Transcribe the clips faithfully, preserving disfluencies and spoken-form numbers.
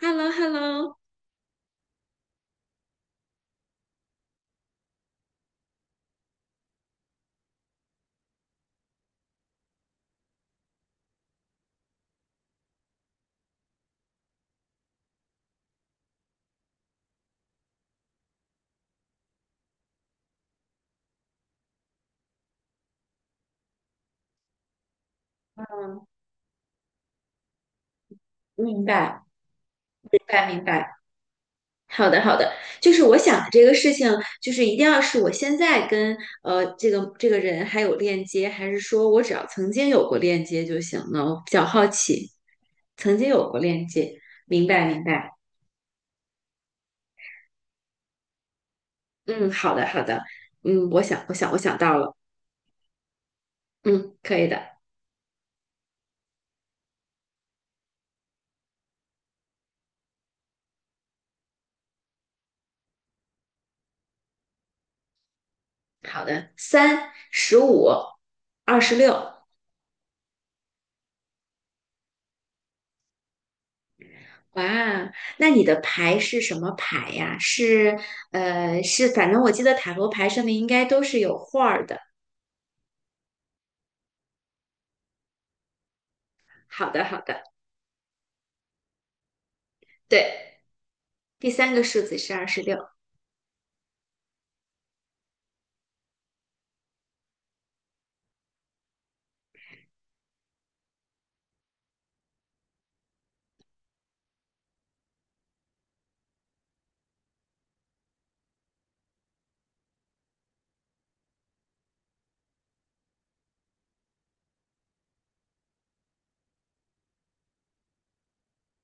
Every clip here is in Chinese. h e l l o h e l l o 明白，明白，明白。好的，好的，就是我想的这个事情，就是一定要是我现在跟呃这个这个人还有链接，还是说我只要曾经有过链接就行呢？我比较好奇，曾经有过链接，明白，明白。嗯，好的，好的。嗯，我想，我想，我想到了。嗯，可以的。好的，三十五，二十六。哇，那你的牌是什么牌呀？是呃，是，反正我记得塔罗牌上面应该都是有画儿的。好的，好的，对，第三个数字是二十六。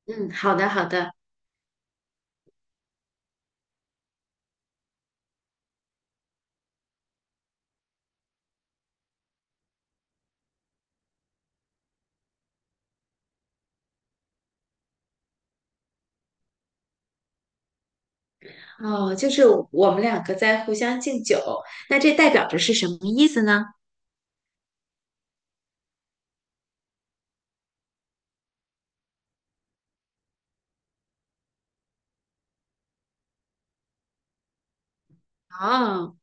嗯，好的，好的。哦，就是我们两个在互相敬酒，那这代表着是什么意思呢？哦，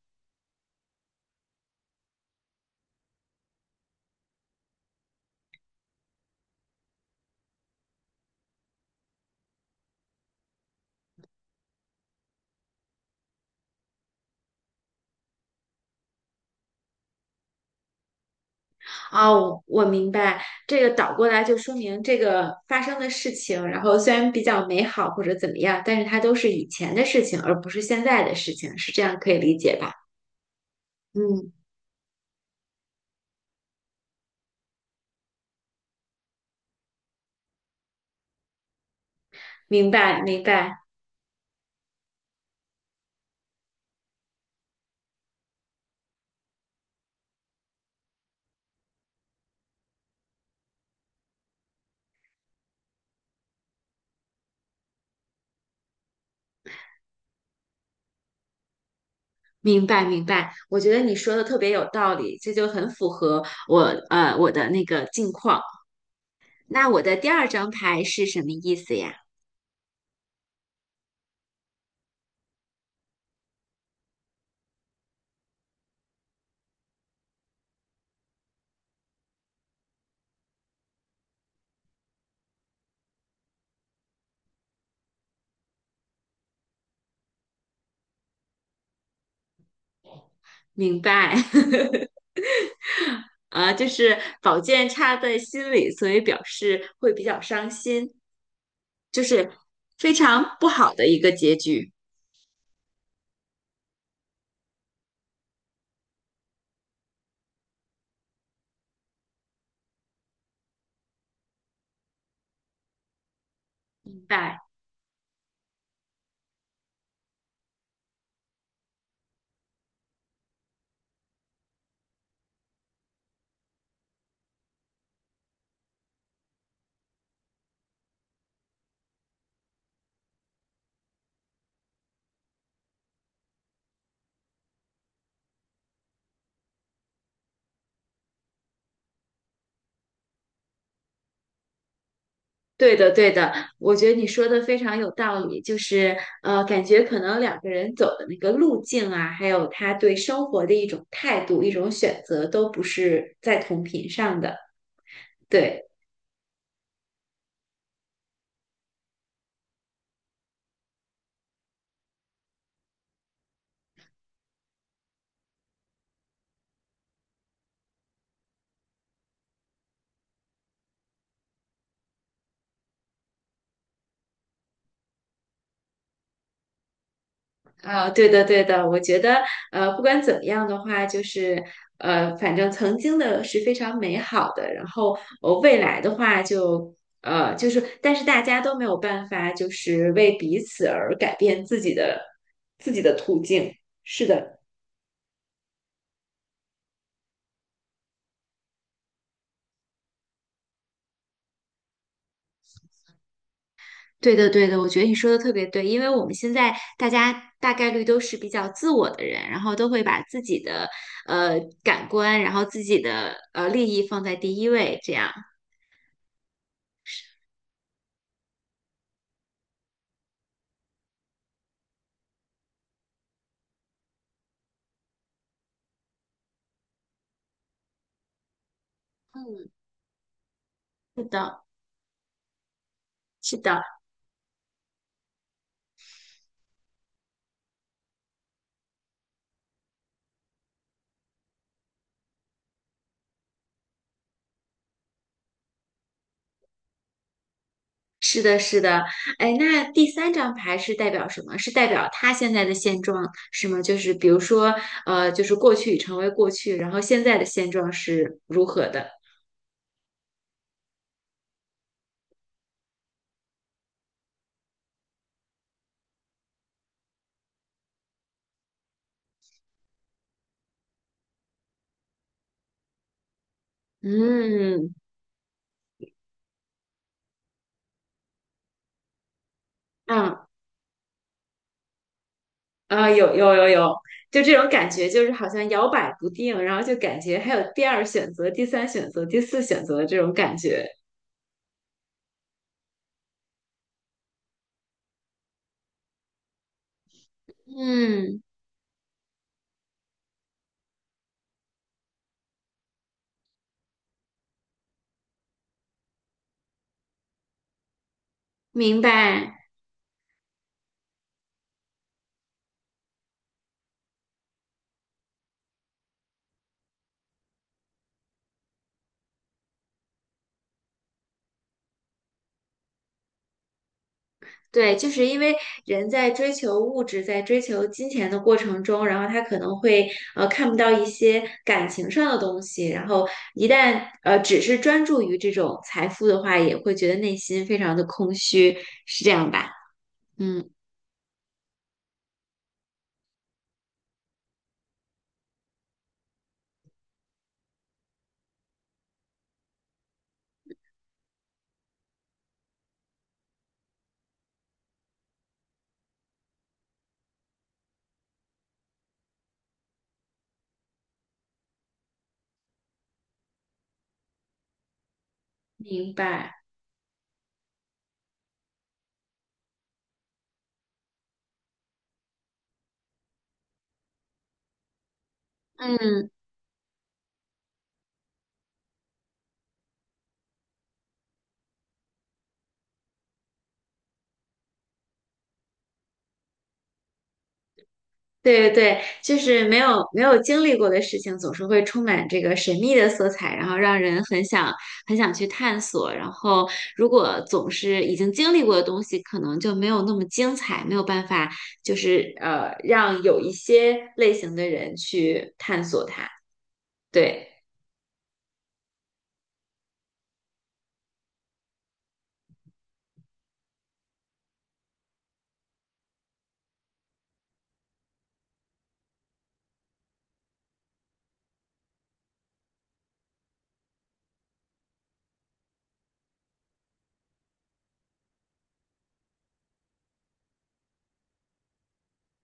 哦，我明白，这个倒过来就说明这个发生的事情，然后虽然比较美好或者怎么样，但是它都是以前的事情，而不是现在的事情，是这样可以理解吧？嗯。明白，明白，明白，明白。我觉得你说的特别有道理，这就很符合我呃我的那个境况。那我的第二张牌是什么意思呀？明白，啊，就是宝剑插在心里，所以表示会比较伤心，就是非常不好的一个结局。明白。对的，对的，我觉得你说的非常有道理，就是呃，感觉可能两个人走的那个路径啊，还有他对生活的一种态度、一种选择，都不是在同频上的。对，啊、对的，对的，我觉得呃，不管怎么样的话，就是呃，反正曾经的是非常美好的，然后呃，未来的话就呃，就是但是大家都没有办法，就是为彼此而改变自己的自己的途径。是的。对的，对的，我觉得你说的特别对，因为我们现在大家大概率都是比较自我的人，然后都会把自己的呃感官，然后自己的呃利益放在第一位，这样。嗯，是的，是的，是的，是的。哎，那第三张牌是代表什么？是代表他现在的现状是吗？就是比如说，呃，就是过去已成为过去，然后现在的现状是如何的？嗯，嗯，啊，有有有有，就这种感觉，就是好像摇摆不定，然后就感觉还有第二选择、第三选择、第四选择的这种感觉。嗯，明白。对，就是因为人在追求物质、在追求金钱的过程中，然后他可能会呃看不到一些感情上的东西，然后一旦呃只是专注于这种财富的话，也会觉得内心非常的空虚，是这样吧？嗯，明白。嗯，对对，对，就是没有没有经历过的事情，总是会充满这个神秘的色彩，然后让人很想很想去探索。然后，如果总是已经经历过的东西，可能就没有那么精彩，没有办法，就是呃，让有一些类型的人去探索它。对，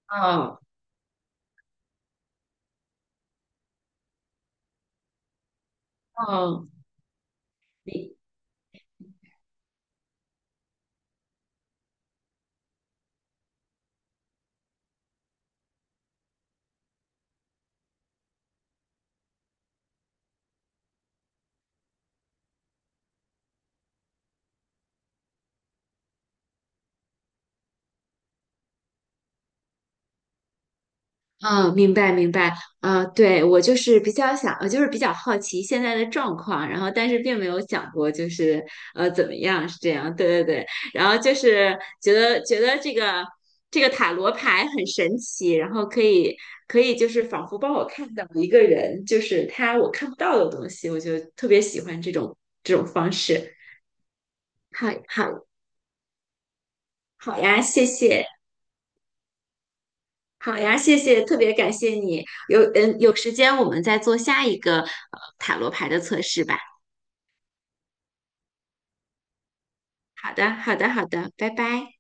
嗯嗯。嗯，明白明白，呃，对，我就是比较想，呃，就是比较好奇现在的状况，然后但是并没有想过就是呃怎么样是这样，对对对，然后就是觉得觉得这个这个塔罗牌很神奇，然后可以可以就是仿佛帮我看到一个人，就是他我看不到的东西，我就特别喜欢这种这种方式。好好好呀，谢谢。好呀，谢谢，特别感谢你。有嗯，有时间我们再做下一个呃塔罗牌的测试吧。好的，好的，好的，拜拜。